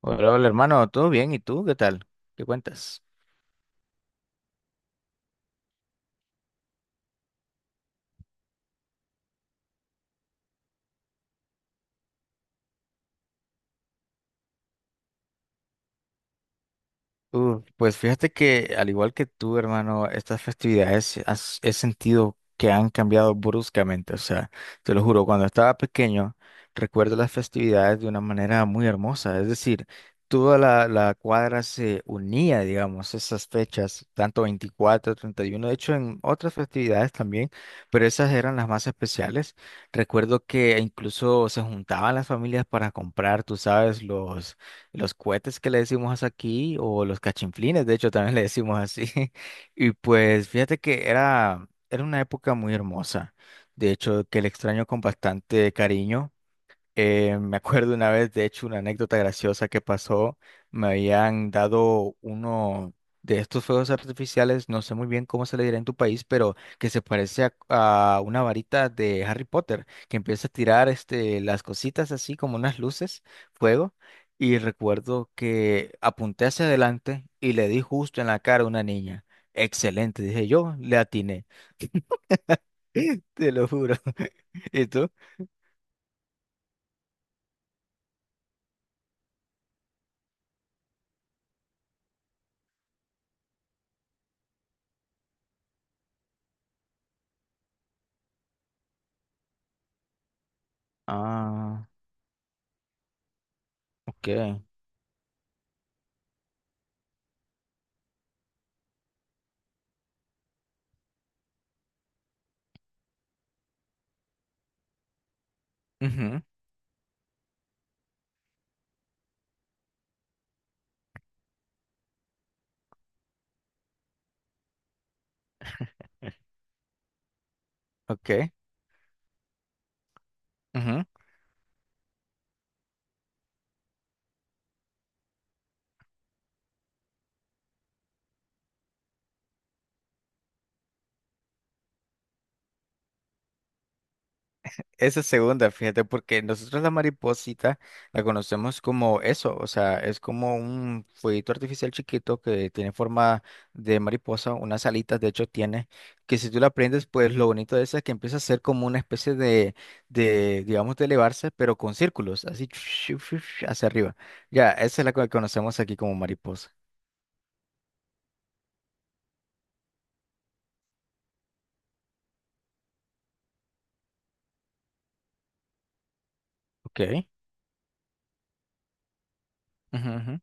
Hola, hola, hermano, ¿todo bien? ¿Y tú qué tal? ¿Qué cuentas? Pues fíjate que al igual que tú, hermano, estas festividades he sentido que han cambiado bruscamente. O sea, te lo juro, cuando estaba pequeño, recuerdo las festividades de una manera muy hermosa. Es decir, toda la cuadra se unía, digamos, esas fechas, tanto 24, 31, de hecho en otras festividades también, pero esas eran las más especiales. Recuerdo que incluso se juntaban las familias para comprar, tú sabes, los cohetes que le decimos aquí, o los cachinflines, de hecho también le decimos así. Y pues fíjate que era una época muy hermosa, de hecho que le extraño con bastante cariño. Me acuerdo una vez, de hecho, una anécdota graciosa que pasó. Me habían dado uno de estos fuegos artificiales, no sé muy bien cómo se le dirá en tu país, pero que se parece a una varita de Harry Potter, que empieza a tirar las cositas así como unas luces, fuego. Y recuerdo que apunté hacia adelante y le di justo en la cara a una niña. Excelente, dije yo, le atiné. Te lo juro. ¿Y tú? Ah, ok. Ujú, ok, ujú. Esa segunda, fíjate, porque nosotros la mariposita la conocemos como eso, o sea, es como un fueguito artificial chiquito que tiene forma de mariposa, unas alitas de hecho tiene, que si tú la prendes, pues lo bonito de esa es que empieza a ser como una especie de, digamos, de elevarse, pero con círculos, así hacia arriba. Ya, esa es la que conocemos aquí como mariposa. Ok. Ujú, ujú.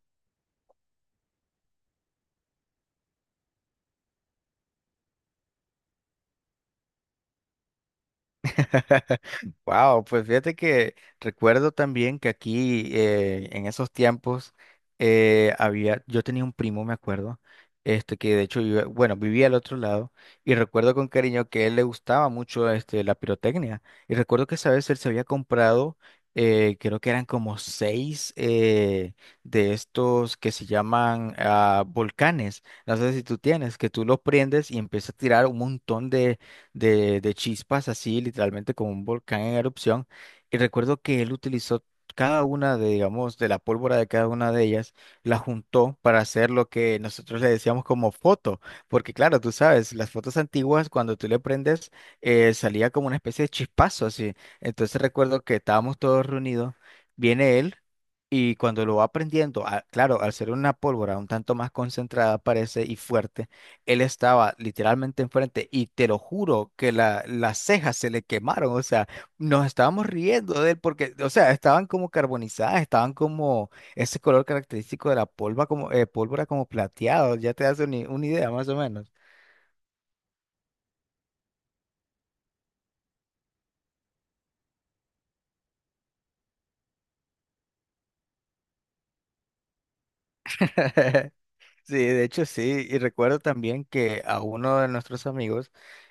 Wow, pues fíjate que recuerdo también que aquí en esos tiempos había, yo tenía un primo, me acuerdo, este que de hecho vivía, bueno, vivía al otro lado y recuerdo con cariño que a él le gustaba mucho la pirotecnia y recuerdo que esa vez él se había comprado creo que eran como seis de estos que se llaman volcanes, no sé si tú tienes, que tú los prendes y empiezas a tirar un montón de chispas, así literalmente como un volcán en erupción. Y recuerdo que él utilizó cada una de, digamos, de la pólvora de cada una de ellas, la juntó para hacer lo que nosotros le decíamos como foto. Porque claro, tú sabes, las fotos antiguas, cuando tú le prendes, salía como una especie de chispazo así. Entonces recuerdo que estábamos todos reunidos, viene él. Y cuando lo va prendiendo, claro, al ser una pólvora un tanto más concentrada parece y fuerte, él estaba literalmente enfrente y te lo juro que las cejas se le quemaron. O sea, nos estábamos riendo de él porque, o sea, estaban como carbonizadas, estaban como ese color característico de la polva como, pólvora como plateado, ya te das una idea más o menos. Sí, de hecho sí, y recuerdo también que a uno de nuestros amigos,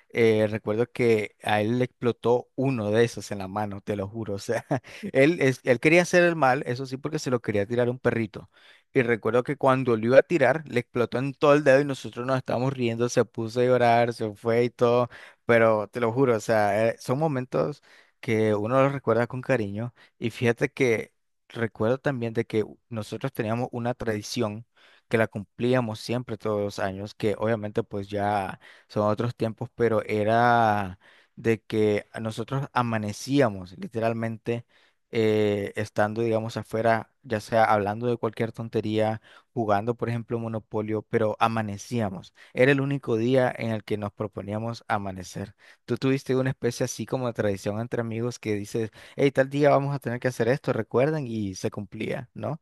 recuerdo que a él le explotó uno de esos en la mano, te lo juro. O sea, él, él quería hacer el mal, eso sí, porque se lo quería tirar a un perrito, y recuerdo que cuando lo iba a tirar, le explotó en todo el dedo y nosotros nos estábamos riendo, se puso a llorar, se fue y todo, pero te lo juro, o sea, son momentos que uno los recuerda con cariño. Y fíjate que recuerdo también de que nosotros teníamos una tradición, que la cumplíamos siempre todos los años, que obviamente pues ya son otros tiempos, pero era de que nosotros amanecíamos literalmente, estando, digamos, afuera, ya sea hablando de cualquier tontería, jugando, por ejemplo, Monopolio, pero amanecíamos. Era el único día en el que nos proponíamos amanecer. ¿Tú tuviste una especie así como de tradición entre amigos que dices, hey, tal día vamos a tener que hacer esto, recuerden? Y se cumplía, ¿no?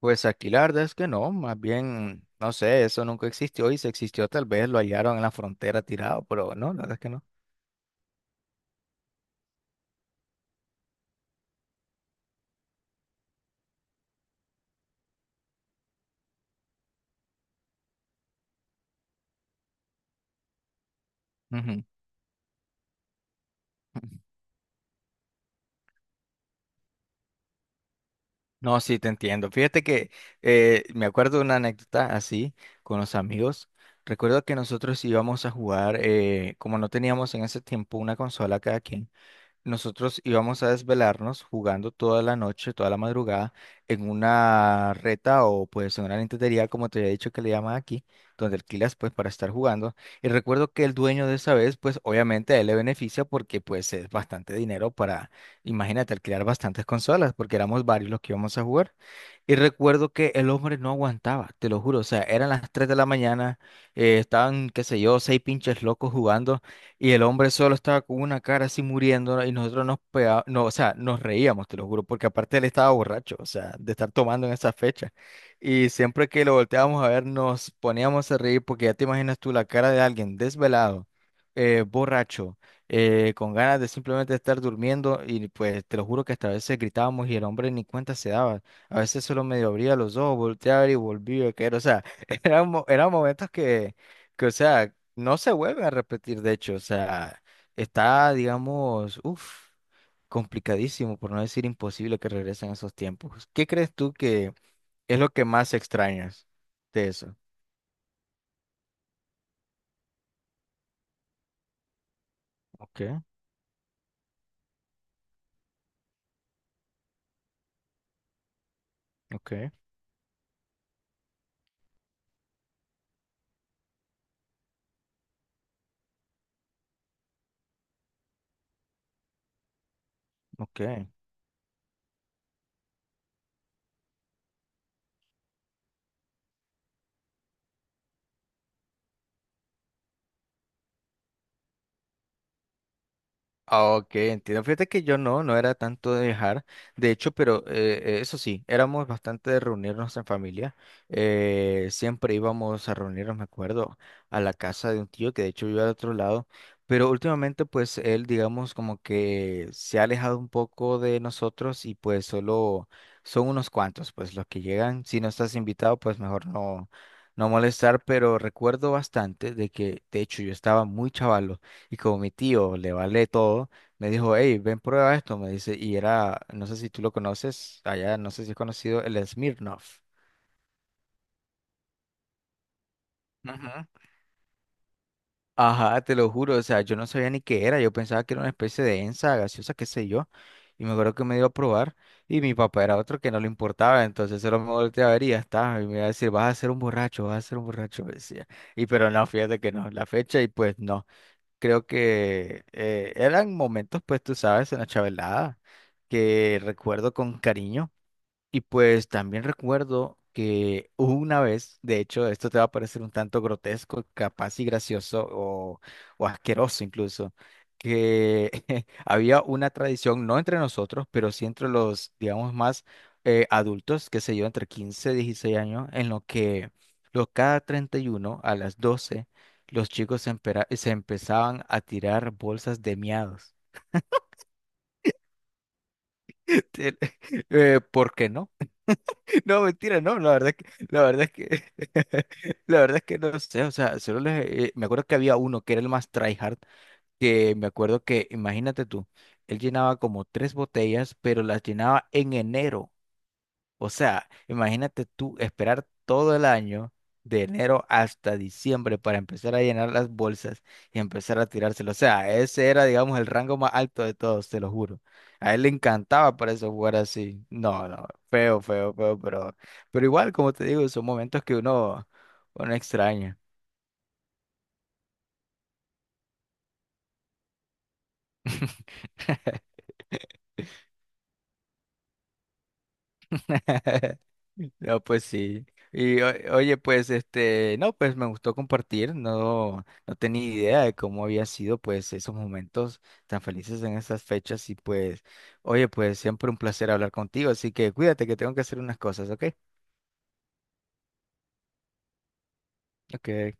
Pues aquí la verdad es que no, más bien, no sé, eso nunca existió, y si existió tal vez lo hallaron en la frontera tirado, pero no, la verdad es que no. Ujú. No, sí, te entiendo. Fíjate que me acuerdo de una anécdota así con los amigos. Recuerdo que nosotros íbamos a jugar, como no teníamos en ese tiempo una consola cada quien. Nosotros íbamos a desvelarnos jugando toda la noche, toda la madrugada, en una reta o pues en una lentería, como te había dicho que le llaman aquí, donde alquilas pues para estar jugando. Y recuerdo que el dueño de esa vez, pues obviamente a él le beneficia, porque pues es bastante dinero para, imagínate, alquilar bastantes consolas, porque éramos varios los que íbamos a jugar. Y recuerdo que el hombre no aguantaba, te lo juro. O sea, eran las 3 de la mañana, estaban, qué sé yo, seis pinches locos jugando. Y el hombre solo estaba con una cara así muriendo, ¿no? Y nosotros no, o sea, nos reíamos, te lo juro, porque aparte él estaba borracho, o sea, de estar tomando en esa fecha. Y siempre que lo volteábamos a ver nos poníamos a reír, porque ya te imaginas tú la cara de alguien desvelado, borracho, con ganas de simplemente estar durmiendo, y pues te lo juro que hasta a veces gritábamos y el hombre ni cuenta se daba. A veces solo medio abría los ojos, volteaba y volvía a caer. O sea, eran momentos que... Que, o sea, no se vuelve a repetir, de hecho. O sea, está, digamos, uff, complicadísimo, por no decir imposible que regresen esos tiempos. ¿Qué crees tú que es lo que más extrañas de eso? Ok, ok, ok. Ah, ok, entiendo. Fíjate que yo no era tanto de viajar, de hecho, pero eso sí, éramos bastante de reunirnos en familia. Siempre íbamos a reunirnos, me acuerdo, a la casa de un tío que de hecho vive al otro lado, pero últimamente pues él, digamos, como que se ha alejado un poco de nosotros y pues solo son unos cuantos, pues los que llegan. Si no estás invitado, pues mejor no, no molestar, pero recuerdo bastante de que de hecho yo estaba muy chaval, y como mi tío le vale todo, me dijo, hey, ven, prueba esto, me dice, y era, no sé si tú lo conoces, allá no sé si es conocido, el Smirnoff. Ujú. Ajá, te lo juro, o sea, yo no sabía ni qué era, yo pensaba que era una especie de ensa gaseosa, qué sé yo, y me acuerdo que me dio a probar, y mi papá era otro que no le importaba, entonces solo me volteaba a ver y ya está, y me iba a decir, vas a ser un borracho, vas a ser un borracho, me decía, y pero no, fíjate que no, la fecha, y pues no. Creo que eran momentos, pues tú sabes, en la chavalada, que recuerdo con cariño. Y pues también recuerdo que hubo una vez, de hecho, esto te va a parecer un tanto grotesco, capaz y gracioso o asqueroso incluso, que había una tradición, no entre nosotros, pero sí entre los, digamos, más adultos, que se yo, entre 15 y 16 años, en lo que los cada 31 a las 12 los chicos se empezaban a tirar bolsas de miados. ¿Por qué no? No, mentira, no, la verdad es que, la verdad es que, la verdad es que no sé. O sea, solo les, me acuerdo que había uno que era el más tryhard, que me acuerdo que, imagínate tú, él llenaba como tres botellas, pero las llenaba en enero, o sea, imagínate tú esperar todo el año, de enero hasta diciembre, para empezar a llenar las bolsas y empezar a tirárselo. O sea, ese era, digamos, el rango más alto de todos, te lo juro. A él le encantaba para eso jugar así. No, no, feo, feo, feo, pero, igual, como te digo, son momentos que uno extraña. No, pues sí. Y oye, pues no, pues me gustó compartir, no, no tenía idea de cómo había sido pues esos momentos tan felices en esas fechas, y pues, oye, pues siempre un placer hablar contigo, así que cuídate que tengo que hacer unas cosas, ¿ok? Ok.